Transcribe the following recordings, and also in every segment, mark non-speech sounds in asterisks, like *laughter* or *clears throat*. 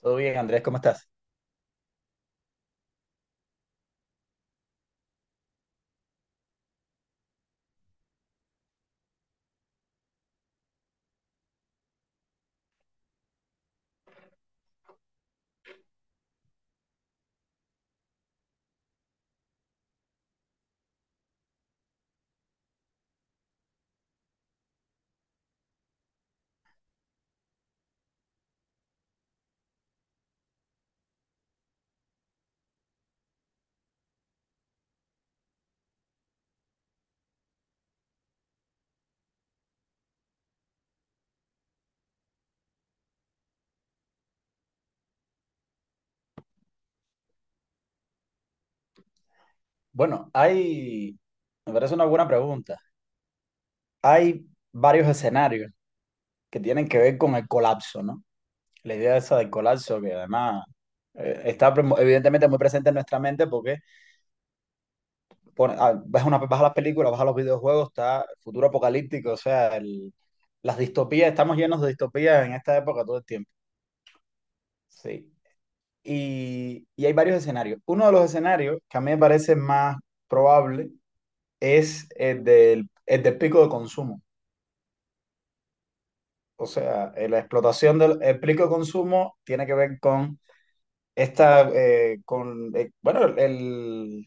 Todo bien, Andrés, ¿cómo estás? Bueno, me parece una buena pregunta. Hay varios escenarios que tienen que ver con el colapso, ¿no? La idea esa del colapso que además está evidentemente muy presente en nuestra mente porque vas a las películas, vas a los videojuegos, está futuro apocalíptico, o sea, las distopías, estamos llenos de distopías en esta época todo el tiempo. Sí. Y hay varios escenarios. Uno de los escenarios que a mí me parece más probable es el del pico de consumo. O sea, la explotación del el pico de consumo tiene que ver con bueno, el,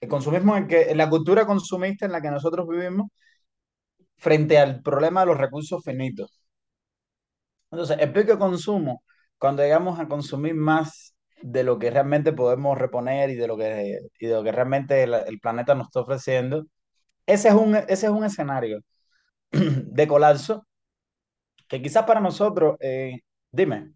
el consumismo en la cultura consumista en la que nosotros vivimos frente al problema de los recursos finitos. Entonces, el pico de consumo, cuando llegamos a consumir más de lo que realmente podemos reponer y de lo que realmente el planeta nos está ofreciendo, ese es un escenario *clears throat* de colapso que quizás para nosotros, dime.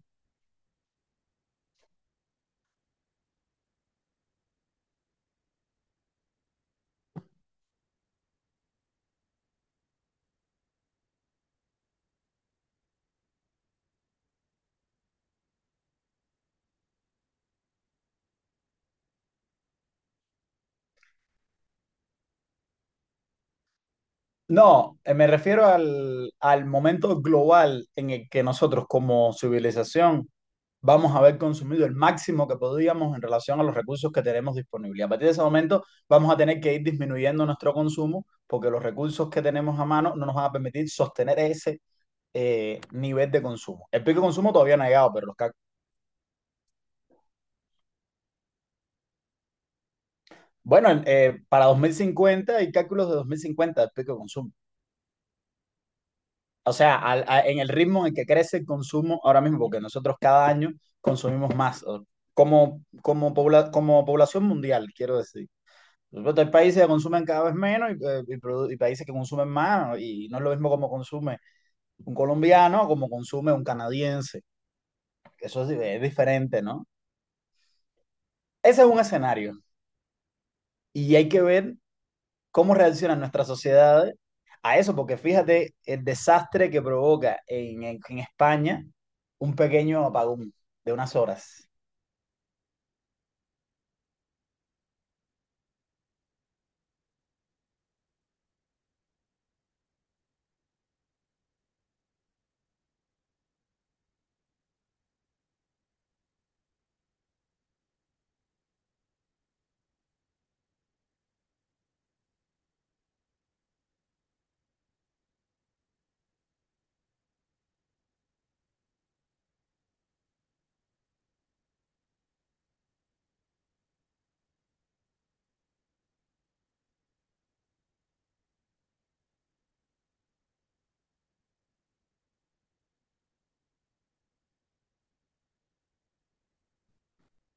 No, me refiero al momento global en el que nosotros como civilización vamos a haber consumido el máximo que podíamos en relación a los recursos que tenemos disponibles. A partir de ese momento vamos a tener que ir disminuyendo nuestro consumo porque los recursos que tenemos a mano no nos van a permitir sostener ese nivel de consumo. El pico de consumo todavía no ha llegado, pero bueno, para 2050 hay cálculos de 2050 del pico de consumo. O sea, en el ritmo en el que crece el consumo ahora mismo, porque nosotros cada año consumimos más, como población mundial, quiero decir. Por supuesto, hay países que consumen cada vez menos y países que consumen más, y no es lo mismo como consume un colombiano, como consume un canadiense. Es diferente, ¿no? Ese es un escenario. Y hay que ver cómo reacciona nuestra sociedad a eso, porque fíjate el desastre que provoca en España un pequeño apagón de unas horas.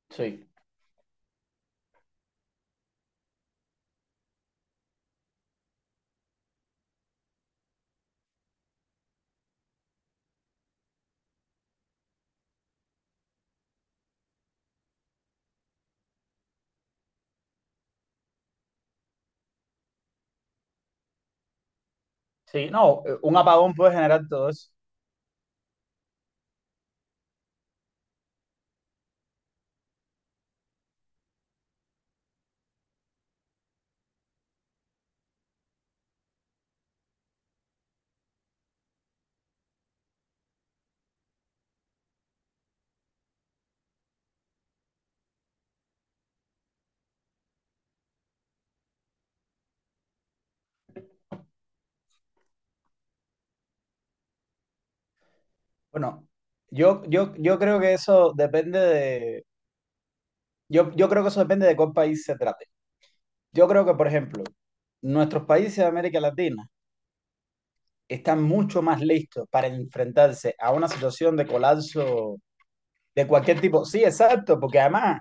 Sí, sí, no, un apagón puede generar todo eso. Bueno, yo creo que eso depende de, yo creo que eso depende de cuál país se trate. Yo creo que, por ejemplo, nuestros países de América Latina están mucho más listos para enfrentarse a una situación de colapso de cualquier tipo. Sí, exacto, porque además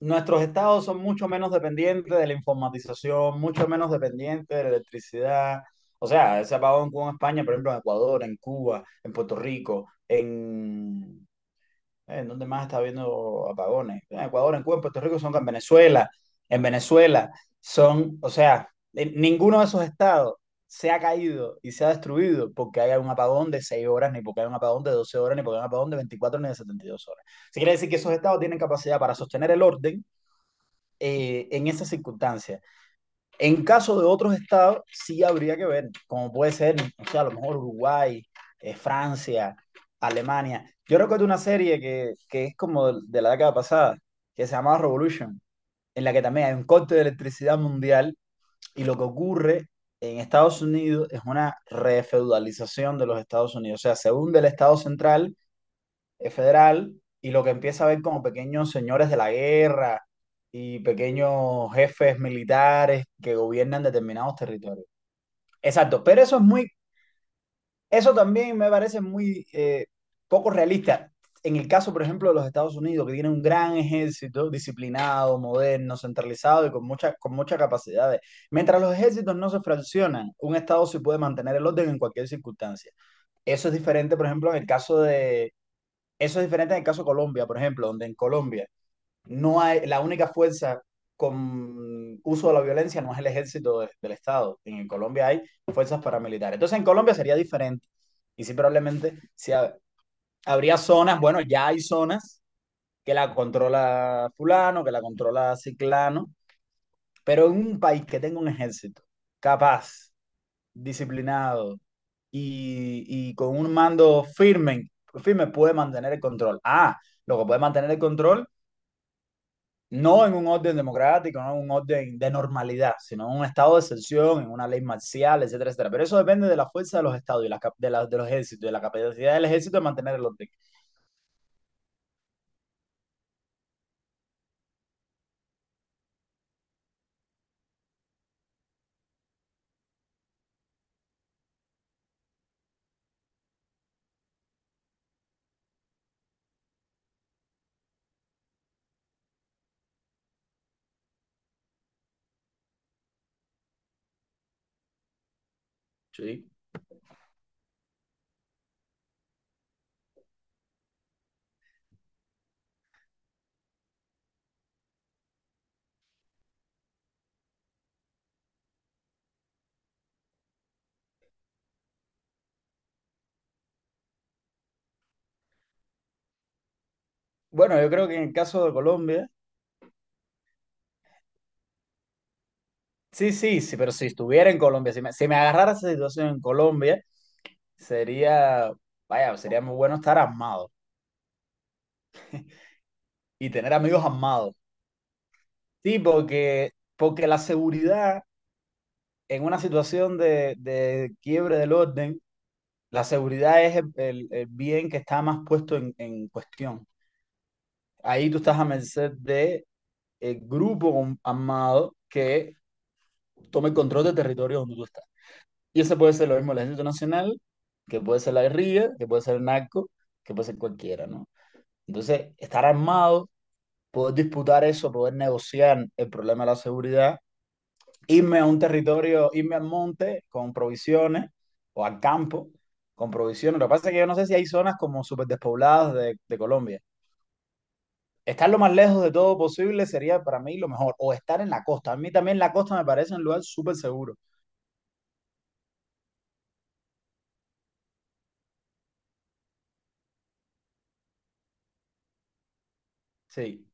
nuestros estados son mucho menos dependientes de la informatización, mucho menos dependientes de la electricidad. O sea, ese apagón que hubo en España, por ejemplo, en Ecuador, en Cuba, en Puerto Rico, ¿en dónde más está habiendo apagones? En Ecuador, en Cuba, en Puerto Rico, son en Venezuela. En Venezuela o sea, en ninguno de esos estados se ha caído y se ha destruido porque haya un apagón de 6 horas, ni porque haya un apagón de 12 horas, ni porque haya un apagón de 24 ni de 72 horas. Se quiere decir que esos estados tienen capacidad para sostener el orden en esas circunstancias. En caso de otros estados, sí habría que ver, como puede ser, o sea, a lo mejor Uruguay, Francia, Alemania. Yo recuerdo una serie que es como de la década pasada, que se llamaba Revolution, en la que también hay un corte de electricidad mundial y lo que ocurre en Estados Unidos es una refeudalización de los Estados Unidos. O sea, se hunde el Estado central, federal, y lo que empieza a ver como pequeños señores de la guerra y pequeños jefes militares que gobiernan determinados territorios. Exacto, pero eso también me parece muy poco realista. En el caso, por ejemplo, de los Estados Unidos, que tiene un gran ejército disciplinado, moderno, centralizado y con muchas capacidades. Mientras los ejércitos no se fraccionan, un Estado sí puede mantener el orden en cualquier circunstancia. Eso es diferente, por ejemplo, en el caso de, Eso es diferente en el caso de Colombia, por ejemplo, donde en Colombia no hay, la única fuerza con uso de la violencia no es el ejército del Estado. En Colombia hay fuerzas paramilitares. Entonces en Colombia sería diferente. Y sí, probablemente si ha- habría zonas, bueno, ya hay zonas que la controla fulano, que la controla ciclano, pero en un país que tenga un ejército capaz, disciplinado y con un mando firme, firme puede mantener el control. Ah, lo que puede mantener el control, no en un orden democrático, no en un orden de normalidad, sino en un estado de excepción, en una ley marcial, etcétera, etcétera. Pero eso depende de la fuerza de los estados y de los ejércitos, de la capacidad del ejército de mantener el orden. Sí. Bueno, yo creo que en el caso de Colombia, sí, sí, sí, pero si estuviera en Colombia, si me agarrara esa situación en Colombia, sería, vaya, sería muy bueno estar armado y tener amigos armados. Sí, porque la seguridad en una situación de quiebre del orden, la seguridad es el bien que está más puesto en cuestión. Ahí tú estás a merced de el grupo armado que tome el control del territorio donde tú estás. Y ese puede ser lo mismo el Ejército Nacional, que puede ser la guerrilla, que puede ser el narco, que puede ser cualquiera, ¿no? Entonces, estar armado, poder disputar eso, poder negociar el problema de la seguridad, irme a un territorio, irme al monte con provisiones o al campo con provisiones. Lo que pasa es que yo no sé si hay zonas como súper despobladas de Colombia. Estar lo más lejos de todo posible sería para mí lo mejor. O estar en la costa. A mí también la costa me parece un lugar súper seguro. Sí,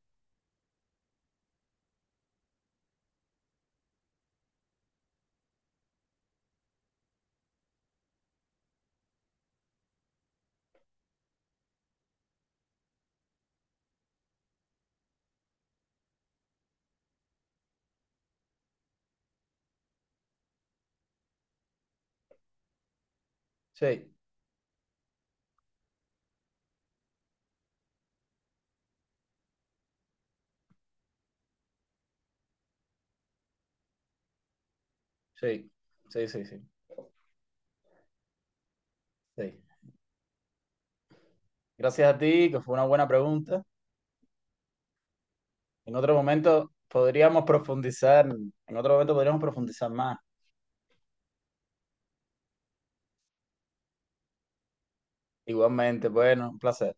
sí, sí, sí, sí, sí, sí. Gracias a ti, que fue una buena pregunta. En otro momento podríamos profundizar, en otro momento podríamos profundizar más. Igualmente, bueno, un placer.